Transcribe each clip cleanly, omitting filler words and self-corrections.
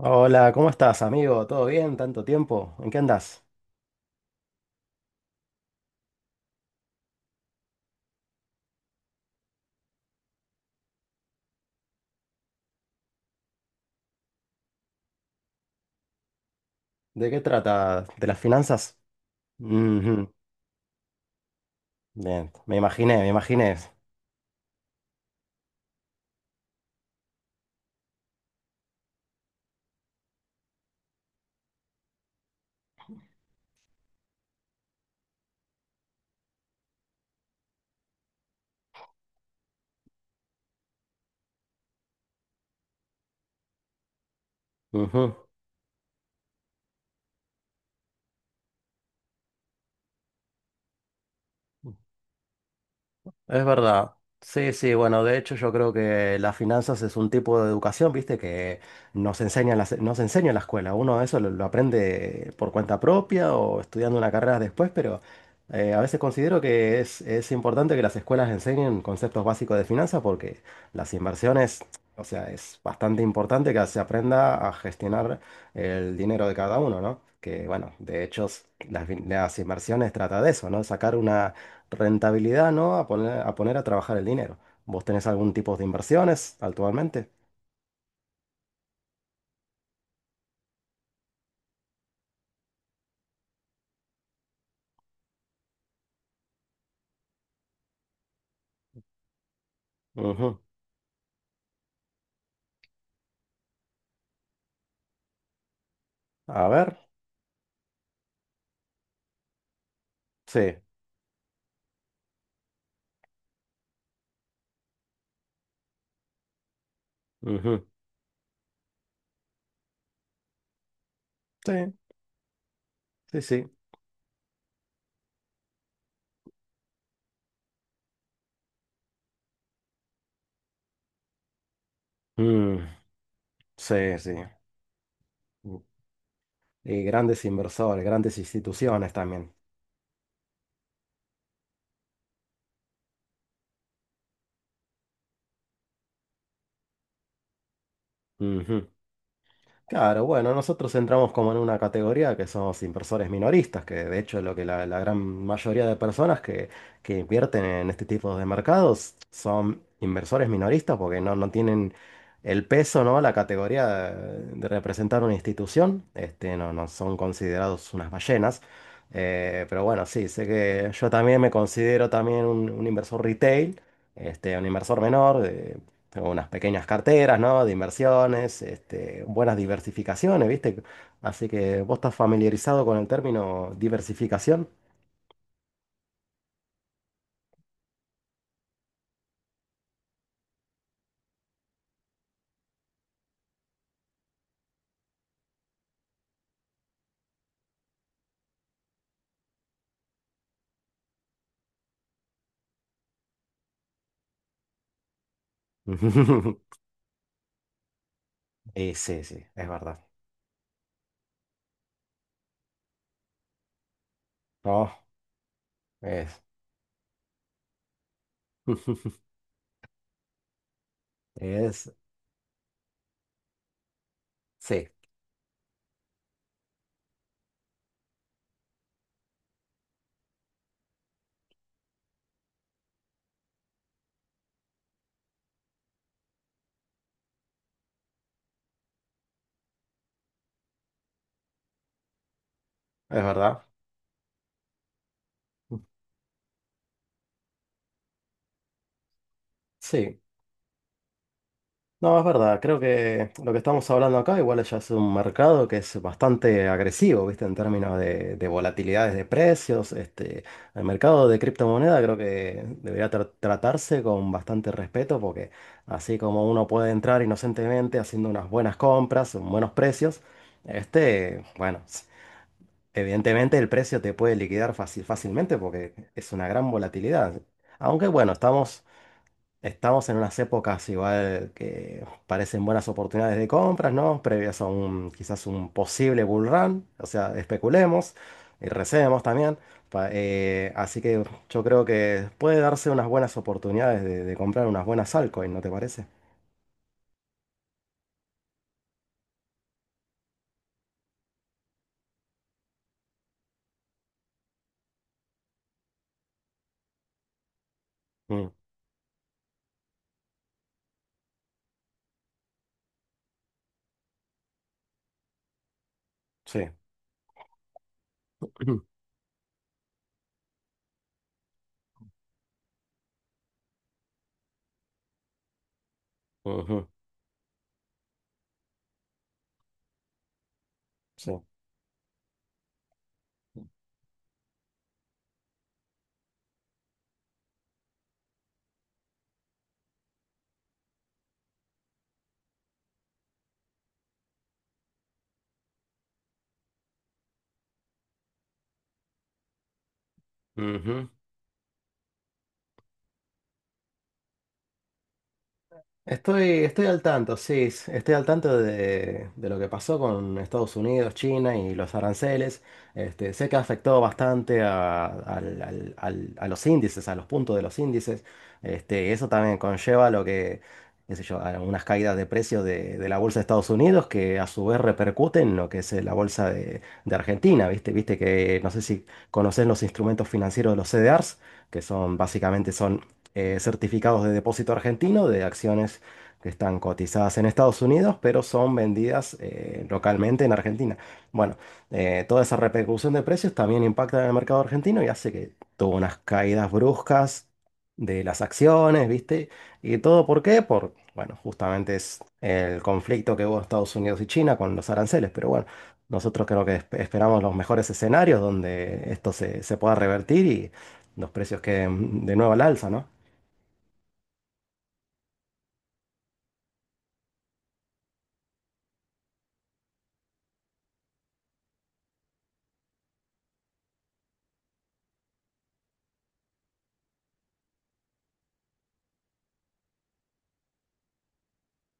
Hola, ¿cómo estás, amigo? ¿Todo bien? ¿Tanto tiempo? ¿En qué andás? ¿De qué trata? ¿De las finanzas? Ujú. Bien, me imaginé, me imaginé. Ujú. Es verdad. Sí, sí, bueno, de hecho yo creo que las finanzas es un tipo de educación, viste, que nos enseña en la escuela. Uno eso lo aprende por cuenta propia o estudiando una carrera después, pero a veces considero que es importante que las escuelas enseñen conceptos básicos de finanzas porque las inversiones, o sea, es bastante importante que se aprenda a gestionar el dinero de cada uno, ¿no? Que bueno, de hecho las inversiones trata de eso, ¿no? Sacar una rentabilidad, ¿no? A poner a trabajar el dinero. ¿Vos tenés algún tipo de inversiones actualmente? Ujú. A ver, sí. Ujú. Sí, sí, sí. Mm. Sí, sí. Y grandes inversores, grandes instituciones también. Ujú. Claro, bueno, nosotros entramos como en una categoría que somos inversores minoristas, que de hecho lo que la gran mayoría de personas que invierten en este tipo de mercados son inversores minoristas porque no tienen el peso, ¿no? La categoría de representar una institución, no son considerados unas ballenas. Pero bueno, sí, sé que yo también me considero también un inversor retail, un inversor menor. Tengo unas pequeñas carteras, ¿no? De inversiones, buenas diversificaciones, ¿viste? Así que vos estás familiarizado con el término diversificación. Y sí, sí, es verdad. No, es. Es. Sí, es verdad. Sí. No, es verdad, creo que lo que estamos hablando acá igual ya es un mercado que es bastante agresivo, ¿viste? En términos de volatilidades de precios, el mercado de criptomoneda creo que debería tratarse con bastante respeto porque así como uno puede entrar inocentemente haciendo unas buenas compras, buenos precios, bueno, evidentemente el precio te puede liquidar fácilmente porque es una gran volatilidad. Aunque bueno, estamos en unas épocas igual que parecen buenas oportunidades de compras, ¿no? Previas a un quizás un posible bull run, o sea, especulemos y recemos también. Así que yo creo que puede darse unas buenas oportunidades de comprar unas buenas altcoins, ¿no te parece? Mm, sí. Ujú, sí. Ujú. Estoy al tanto, sí, estoy al tanto de lo que pasó con Estados Unidos, China y los aranceles. Sé que afectó bastante a, al- al- al- a los índices, a los puntos de los índices. Eso también conlleva lo que, qué sé yo, a unas caídas de precios de la bolsa de Estados Unidos que a su vez repercuten en lo que es la bolsa de Argentina, ¿viste? Viste que no sé si conocen los instrumentos financieros de los CDRs, que son básicamente son certificados de depósito argentino de acciones que están cotizadas en Estados Unidos, pero son vendidas localmente en Argentina. Bueno, toda esa repercusión de precios también impacta en el mercado argentino y hace que tuvo unas caídas bruscas de las acciones, ¿viste? ¿Y todo por qué? Por, bueno, justamente es el conflicto que hubo en Estados Unidos y China con los aranceles, pero bueno. Nosotros creo que esperamos los mejores escenarios donde esto se pueda revertir y los precios queden de nuevo al alza, ¿no?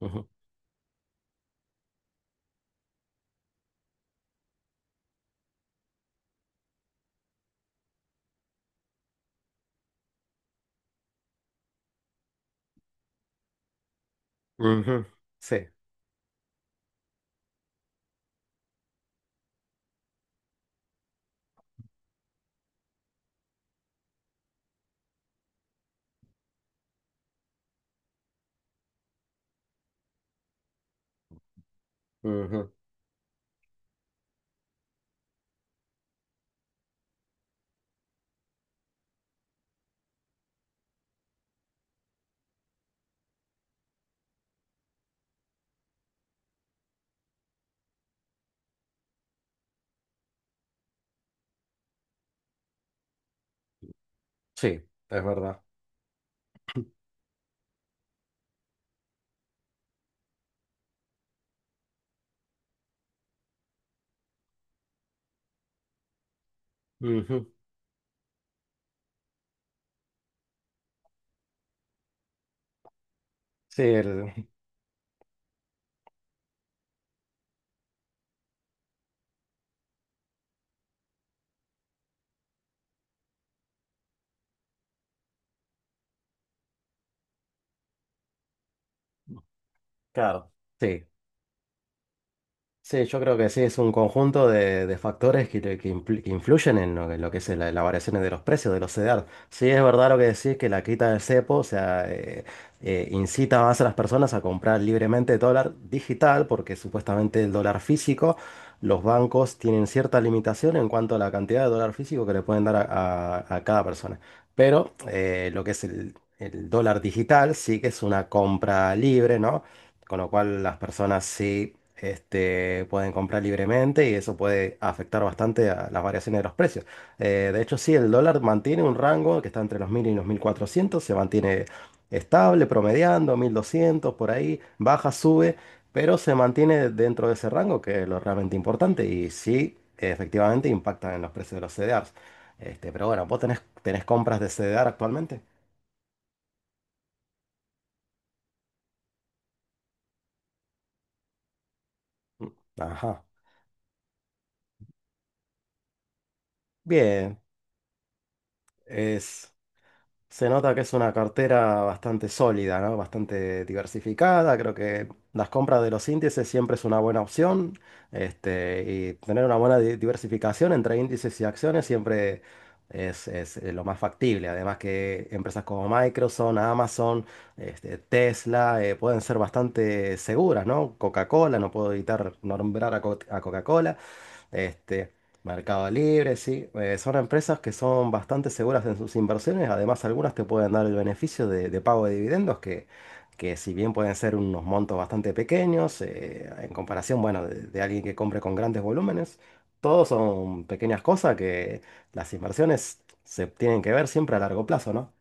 Ujú, ujú. Sí, ujú, sí, es verdad. Ujú. Sí, el... Claro, sí. Sí, yo creo que sí, es un conjunto de factores que influyen en lo que es la variación de los precios de los CEDAR. Sí, es verdad lo que decís, que la quita del cepo, o sea, incita más a las personas a comprar libremente dólar digital, porque supuestamente el dólar físico, los bancos tienen cierta limitación en cuanto a la cantidad de dólar físico que le pueden dar a cada persona. Pero lo que es el dólar digital sí que es una compra libre, ¿no? Con lo cual las personas sí pueden comprar libremente y eso puede afectar bastante a las variaciones de los precios. De hecho, sí, el dólar mantiene un rango que está entre los 1.000 y los 1.400, se mantiene estable, promediando 1.200 por ahí, baja, sube, pero se mantiene dentro de ese rango, que es lo realmente importante y sí, efectivamente impacta en los precios de los CDRs. Pero bueno, ¿vos tenés compras de CDR actualmente? Ajá. Bien, es... Se nota que es una cartera bastante sólida, ¿no? Bastante diversificada. Creo que las compras de los índices siempre es una buena opción. Y tener una buena diversificación entre índices y acciones siempre es lo más factible. Además que empresas como Microsoft, Amazon, Tesla, pueden ser bastante seguras, ¿no? Coca-Cola, no puedo evitar nombrar a Coca-Cola. Este, Mercado Libre, sí. Son empresas que son bastante seguras en sus inversiones. Además, algunas te pueden dar el beneficio de pago de dividendos, que si bien pueden ser unos montos bastante pequeños, en comparación, bueno, de alguien que compre con grandes volúmenes, todos son pequeñas cosas que las inversiones se tienen que ver siempre a largo plazo, ¿no?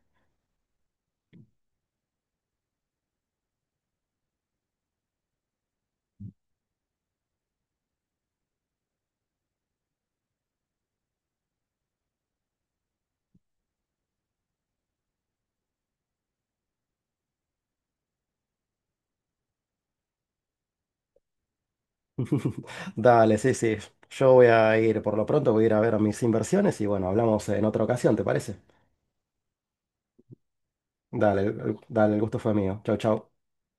Dale, sí, sí. Yo voy a ir, por lo pronto voy a ir a ver mis inversiones y bueno, hablamos en otra ocasión, ¿te parece? Dale, el gusto fue mío. Chau, chau.